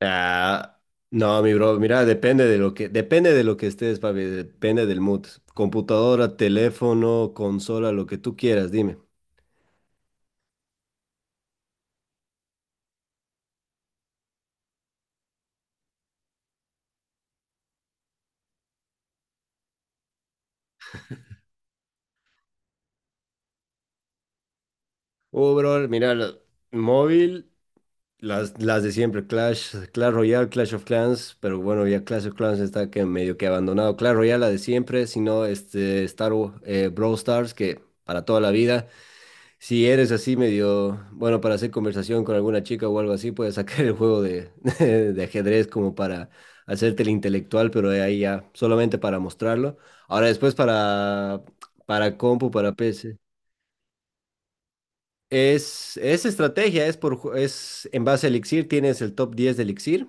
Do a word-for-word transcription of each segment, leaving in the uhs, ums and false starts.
Ah, no, mi bro, mira, depende de lo que, depende de lo que estés, papi, depende del mood. Computadora, teléfono, consola, lo que tú quieras, dime. Uh, bro, mira, la- móvil, las, las de siempre, Clash, Clash Royale, Clash of Clans, pero bueno, ya Clash of Clans está que medio que abandonado. Clash Royale, la de siempre, sino este Star Wa- eh, Brawl Stars, que para toda la vida. Si eres así medio, bueno, para hacer conversación con alguna chica o algo así, puedes sacar el juego de, de ajedrez como para hacerte el intelectual, pero de ahí ya, solamente para mostrarlo. Ahora después para, para compu, para P C. Es, es estrategia, es, por, ju- es en base a Elixir, tienes el top diez de Elixir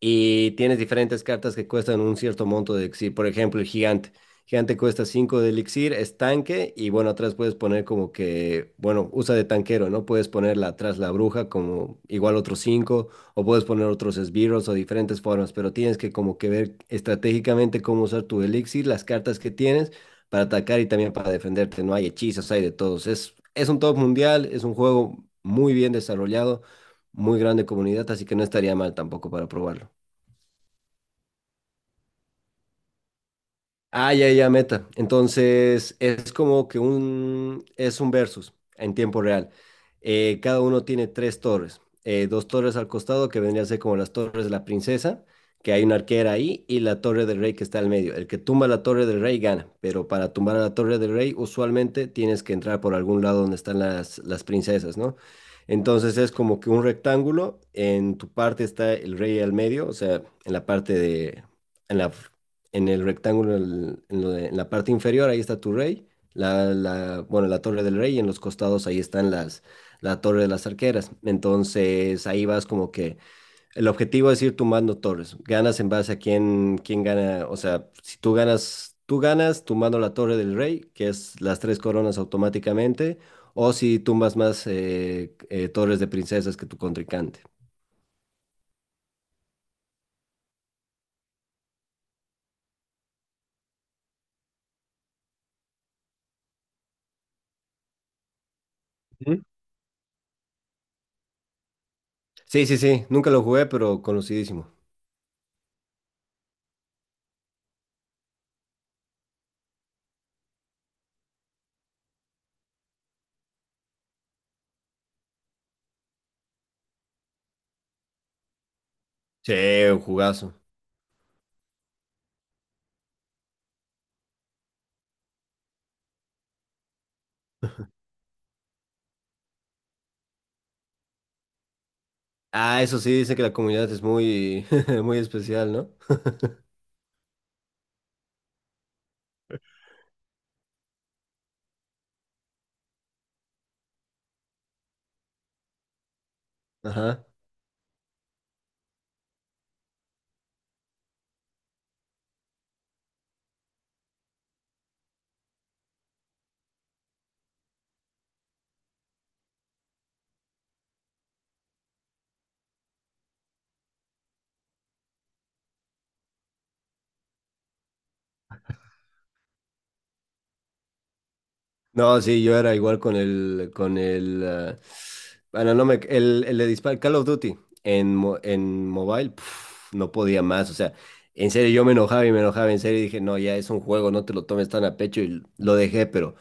y tienes diferentes cartas que cuestan un cierto monto de elixir. Por ejemplo, el gigante. Gigante cuesta cinco de elixir, es tanque y bueno, atrás puedes poner como que, bueno, usa de tanquero, ¿no? Puedes ponerla atrás la bruja como igual otros cinco o puedes poner otros esbirros o diferentes formas, pero tienes que como que ver estratégicamente cómo usar tu elixir, las cartas que tienes para atacar y también para defenderte. No hay hechizos, hay de todos. Es, es un top mundial, es un juego muy bien desarrollado, muy grande comunidad, así que no estaría mal tampoco para probarlo. Ah, ya, ya, meta. Entonces, es como que un, es un versus en tiempo real. Eh, cada uno tiene tres torres. Eh, dos torres al costado, que vendrían a ser como las torres de la princesa, que hay una arquera ahí, y la torre del rey que está al medio. El que tumba la torre del rey gana, pero para tumbar a la torre del rey, usualmente tienes que entrar por algún lado donde están las, las princesas, ¿no? Entonces, es como que un rectángulo. En tu parte está el rey al medio, o sea, en la parte de, en la en el rectángulo, el- en, lo de- en la parte inferior, ahí está tu rey, la, la- bueno, la torre del rey, y en los costados ahí están las, la torre de las arqueras. Entonces ahí vas como que el objetivo es ir tumbando torres. Ganas en base a quién, quién gana, o sea, si tú ganas, tú ganas tumbando la torre del rey, que es las tres coronas automáticamente, o si tumbas más eh, eh, torres de princesas que tu contrincante. Ujú. Sí, sí, sí, nunca lo jugué, pero conocidísimo. Sí, un jugazo. Ah, eso sí, dice que la comunidad es muy, muy especial, ¿no? Ajá. No, sí, yo era igual con el, con el, ah, bueno, no me, el, el de dispar, Call of Duty en, mo- en mobile, puf, no podía más, o sea, en serio, yo me enojaba y me enojaba, en serio, y dije, no, ya es un juego, no te lo tomes tan a pecho, y lo dejé, pero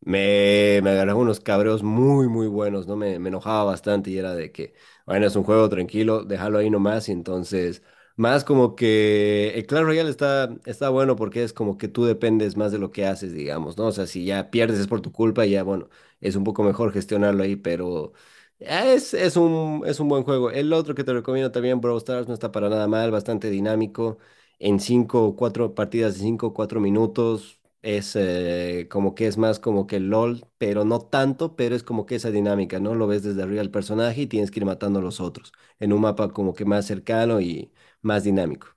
Me, me agarraba unos cabreos muy, muy buenos, ¿no? Me, me enojaba bastante y era de que, bueno, es un juego tranquilo, déjalo ahí nomás. Y entonces, más como que el Clash Royale está, está bueno porque es como que tú dependes más de lo que haces, digamos, ¿no? O sea, si ya pierdes es por tu culpa y ya, bueno, es un poco mejor gestionarlo ahí, pero es, es un, es un buen juego. El otro que te recomiendo también, Brawl Stars, no está para nada mal, bastante dinámico en cinco, cuatro partidas de cinco, cuatro minutos. Es eh, como que es más como que LOL, pero no tanto, pero es como que esa dinámica, ¿no? Lo ves desde arriba el personaje y tienes que ir matando a los otros en un mapa como que más cercano y más dinámico.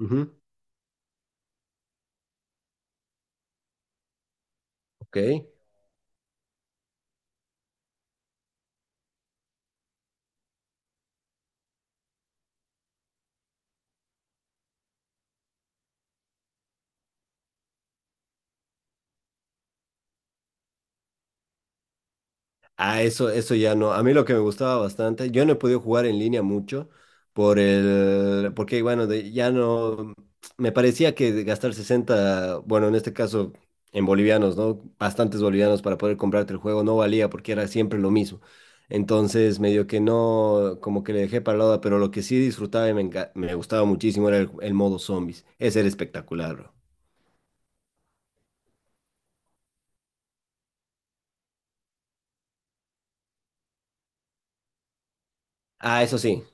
Ujú, ok. Ah, eso, eso ya no. A mí lo que me gustaba bastante, yo no he podido jugar en línea mucho por el, porque bueno, de- ya no, me parecía que de gastar sesenta, bueno, en este caso en bolivianos, ¿no? Bastantes bolivianos para poder comprarte el juego no valía porque era siempre lo mismo. Entonces, medio que no, como que le dejé para la hora, pero lo que sí disfrutaba y me, enca- me gustaba muchísimo era el, el modo zombies. Ese era espectacular, bro. Ah, eso sí.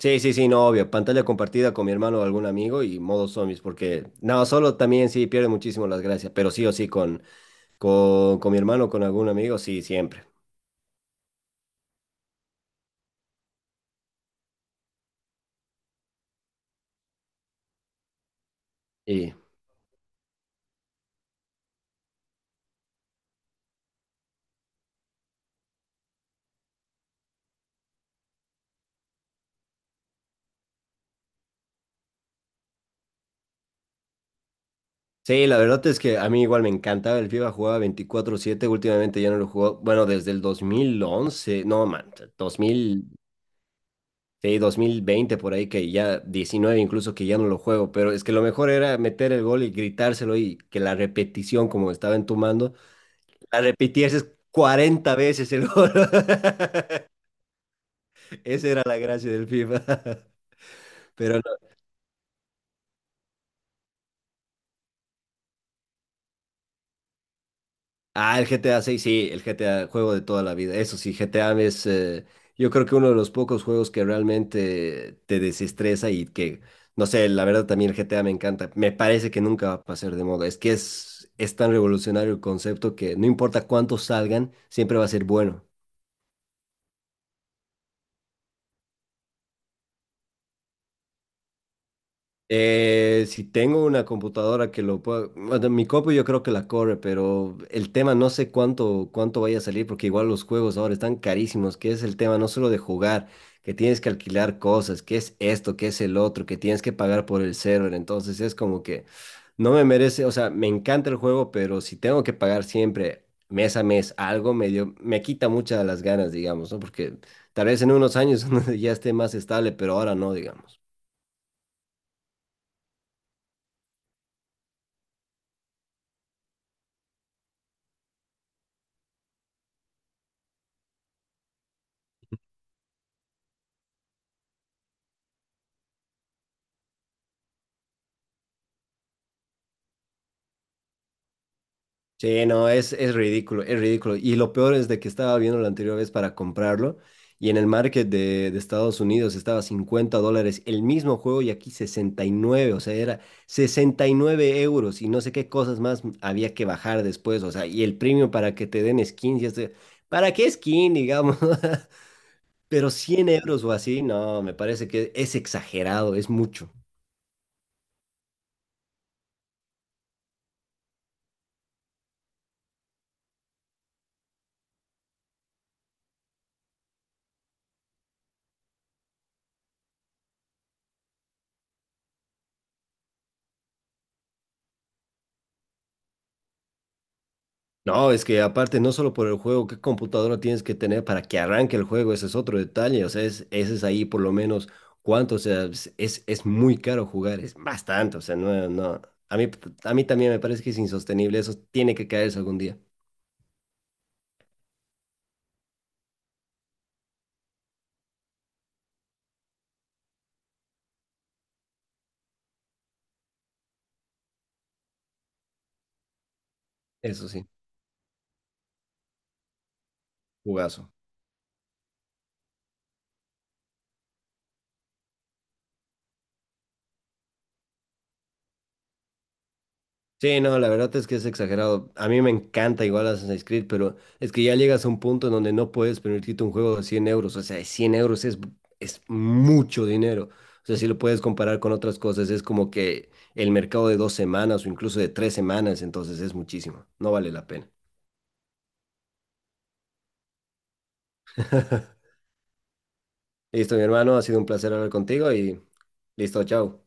Sí, sí, sí, no, obvio. Pantalla compartida con mi hermano o algún amigo y modo zombies, porque no, solo también sí pierde muchísimo las gracias, pero sí o sí con, con, con mi hermano o con algún amigo, sí, siempre. Y sí, la verdad es que a mí igual me encantaba el FIFA, jugaba veinticuatro siete últimamente ya no lo juego, bueno, desde el dos mil once, no, man, dos mil, sí, dos mil veinte por ahí, que ya diecinueve incluso que ya no lo juego, pero es que lo mejor era meter el gol y gritárselo y que la repetición como estaba entumando. La repitieses cuarenta veces el gol. Esa era la gracia del FIFA. Pero no. Ah, el G T A seis sí, el G T A, juego de toda la vida. Eso sí, G T A es, eh, yo creo que uno de los pocos juegos que realmente te desestresa y que, no sé, la verdad también el G T A me encanta. Me parece que nunca va a pasar de moda. Es que es, es tan revolucionario el concepto que no importa cuántos salgan, siempre va a ser bueno. Eh, si tengo una computadora que lo pueda, bueno, mi compu yo creo que la corre, pero el tema no sé cuánto, cuánto vaya a salir, porque igual los juegos ahora están carísimos, que es el tema no solo de jugar, que tienes que alquilar cosas, que es esto, que es el otro, que tienes que pagar por el server, entonces es como que no me merece, o sea, me encanta el juego, pero si tengo que pagar siempre mes a mes algo, medio, me quita muchas las ganas, digamos, ¿no? Porque tal vez en unos años ya esté más estable, pero ahora no, digamos. Sí, no, es, es ridículo, es ridículo. Y lo peor es de que estaba viendo la anterior vez para comprarlo y en el market de, de Estados Unidos estaba cincuenta dólares el mismo juego y aquí sesenta y nueve, o sea, era sesenta y nueve euros y no sé qué cosas más había que bajar después, o sea, y el premio para que te den skins, y este, ¿para qué skin, digamos? Pero cien euros o así, no, me parece que es exagerado, es mucho. No, es que aparte, no solo por el juego, qué computadora tienes que tener para que arranque el juego, ese es otro detalle, o sea, es, ese es ahí por lo menos cuánto, o sea, es, es, es muy caro jugar, es bastante, o sea, no, no, a mí, a mí también me parece que es insostenible, eso tiene que caerse algún día, eso sí, jugazo. Sí, no, la verdad es que es exagerado. A mí me encanta igual Assassin's Creed, pero es que ya llegas a un punto en donde no puedes permitirte un juego de cien euros. O sea, cien euros es, es mucho dinero. O sea, si lo puedes comparar con otras cosas, es como que el mercado de dos semanas o incluso de tres semanas, entonces es muchísimo. No vale la pena. Listo, mi hermano, ha sido un placer hablar contigo y listo, chao.